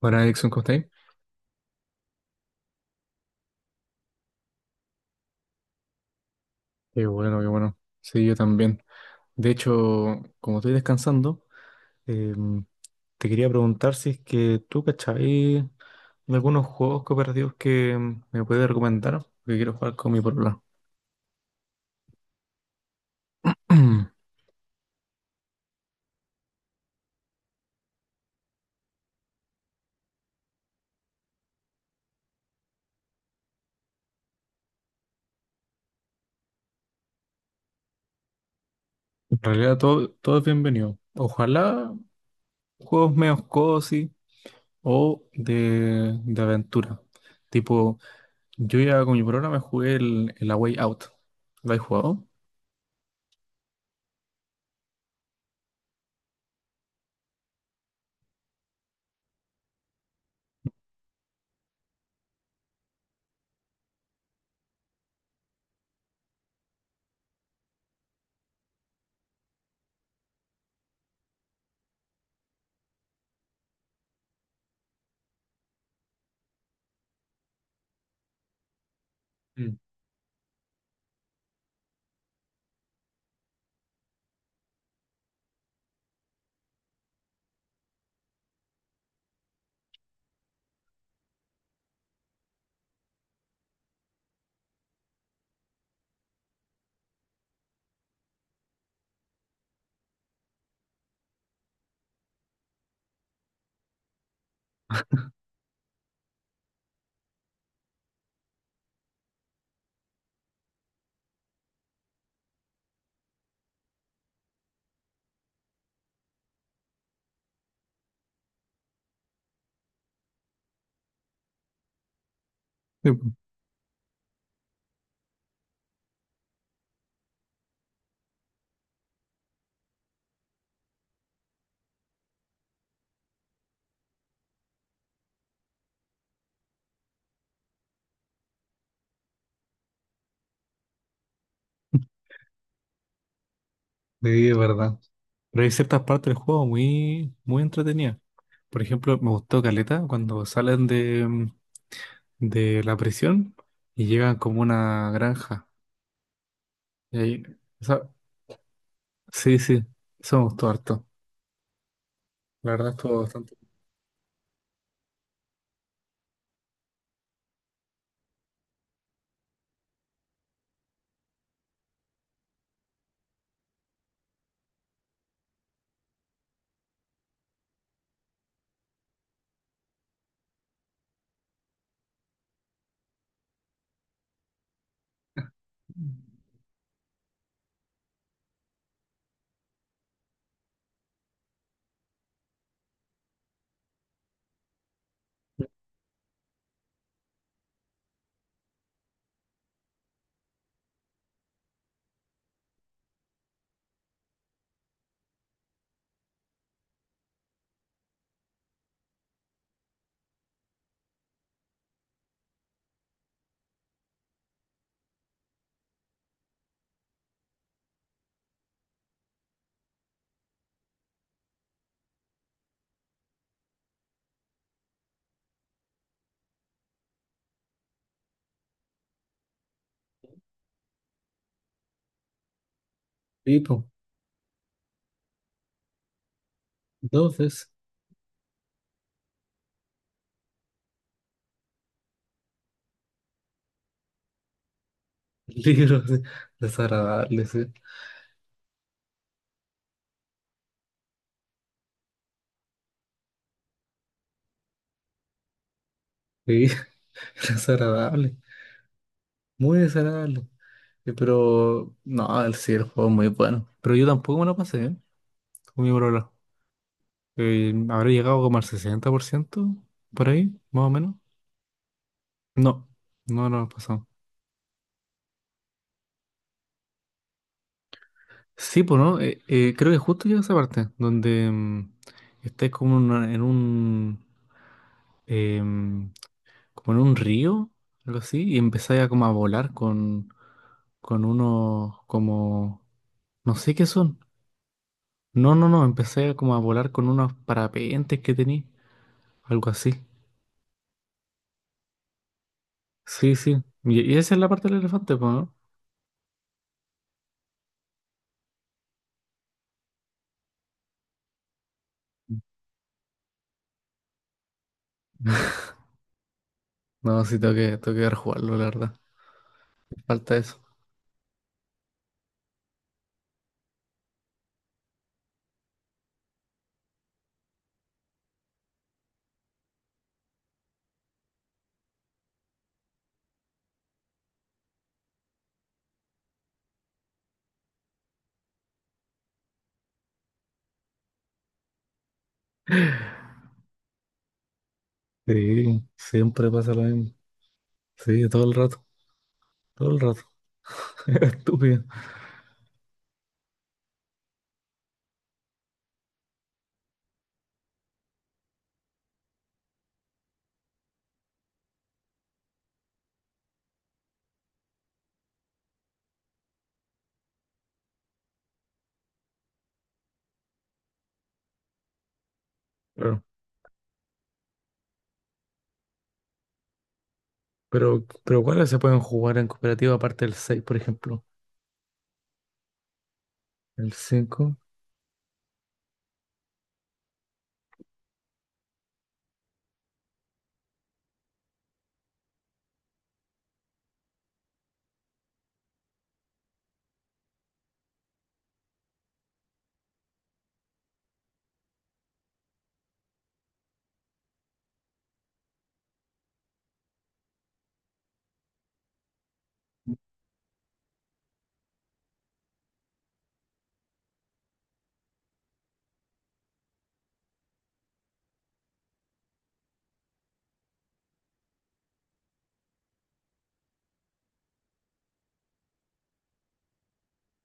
Para Erickson Costain. Qué bueno, qué bueno. Sí, yo también. De hecho, como estoy descansando, em, te quería preguntar si es que tú, ¿cachai? De algunos juegos cooperativos que me puedes recomendar, porque quiero jugar con mi polola. En realidad todo, todo es bienvenido. Ojalá juegos medio cozy o de aventura. Tipo, yo ya con mi programa me jugué el A Way Out. ¿Lo has jugado? Mm. Sí, po. Sí, es verdad. Pero hay ciertas partes del juego muy, muy entretenidas. Por ejemplo, me gustó Caleta cuando salen de, de la prisión y llegan como a una granja. Y ahí, esa- sí, sí, eso me gustó harto. La verdad estuvo bastante. Y pues, entonces, libros desagradables, sí. Sí, desagradable, muy desagradable. Pero, no, el sí, el juego es muy bueno. Pero yo tampoco me lo pasé, ¿eh? Con mi, eh, habrá llegado como al 60% por ahí, más o menos. No, no, no ha pasado. Sí, pues no, creo que justo llega esa parte donde estáis como en en un em, como en un río, algo así, y empezáis a como a volar con unos como no sé qué son. No, no, no, empecé a como a volar con unos parapentes que tenía, algo así. Sí, sí. Y esa es la parte del elefante, pues, ¿no? No, sí, tengo que rejugarlo, la verdad. Falta eso. Sí, siempre pasa lo mismo. Sí, todo el rato, todo el rato. Es estúpido. Pero, pero ¿cuáles se pueden jugar en cooperativa aparte del 6 por ejemplo? ¿El cinco?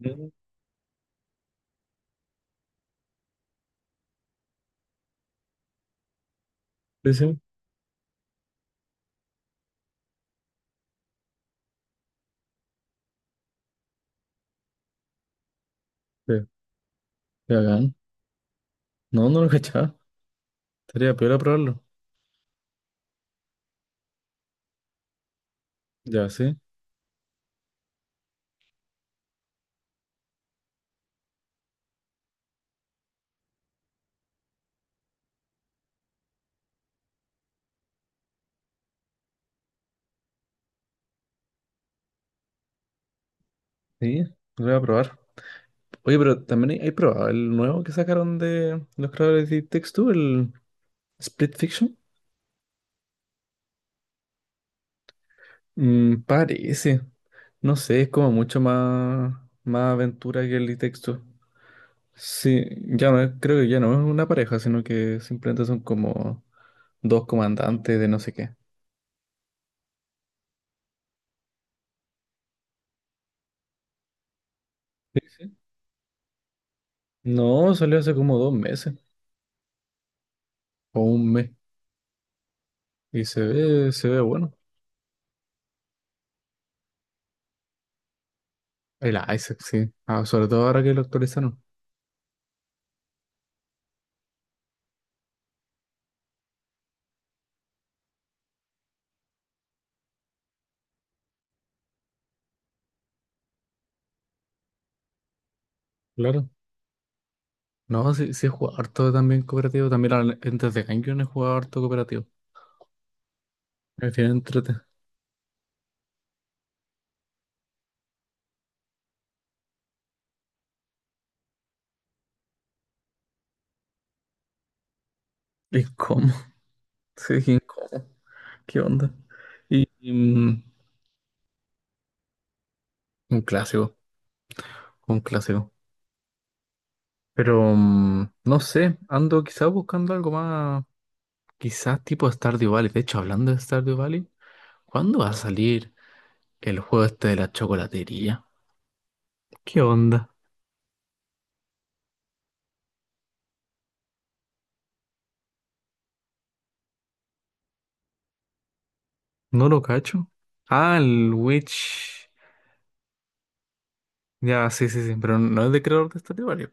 Mm. Sí, sí. Sí, qué bacán. No, no lo cachaba. Estaría peor a probarlo. Ya, sí. Sí, lo voy a probar. Oye, pero también hay probado el nuevo que sacaron de los creadores de Takes Two, el Split Fiction. Mm, parece. No sé, es como mucho más, más aventura que el texto. Sí, ya no creo que ya no es una pareja, sino que simplemente son como dos comandantes de no sé qué. Sí, sí. No, salió hace como dos meses o un mes y se ve bueno. El Isaac, sí. Ah, sobre todo ahora que lo actualizaron. Claro. No, sí, sí he jugado harto también cooperativo. También antes de GameCube he jugado harto cooperativo. Al final entrete. ¿Y cómo? Sí, ¿cómo? ¿Qué onda? Y un clásico. Un clásico. Pero no sé, ando quizás buscando algo más, quizás tipo Stardew Valley. De hecho, hablando de Stardew Valley, ¿cuándo va a salir el juego este de la chocolatería? ¿Qué onda? No lo cacho. Ah, el Witch. Ya, sí, sí, sí, pero no es de creador de Stardew Valley.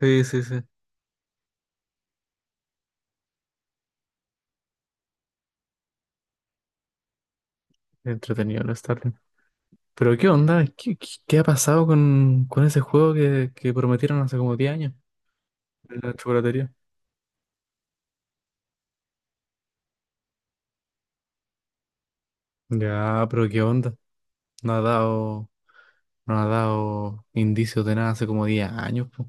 Sí, sí, sí. Entretenido el Stardew. Pero ¿qué onda? Qué ha pasado con ese juego que prometieron hace como 10 años? De la chocolatería. Ya, pero ¿qué onda? No ha dado. No ha dado indicios de nada hace como 10 años, pues.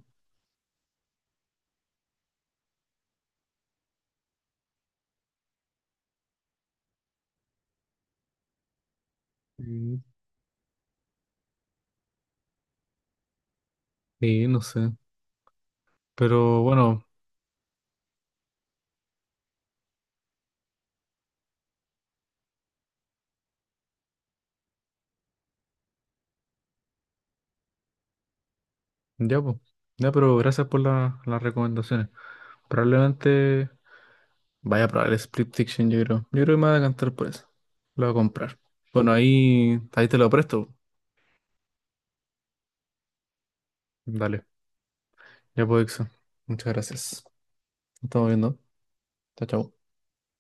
Mm. Sí, no sé. Pero bueno, ya, pues. Ya, pero gracias por las recomendaciones. Probablemente vaya a probar el Split Fiction, yo creo. Yo creo que me voy a cantar por eso. Lo voy a comprar. Bueno, ahí, ahí te lo presto. Dale. Ya puedo, Ixo. Muchas gracias. Nos estamos viendo. Chao, chao.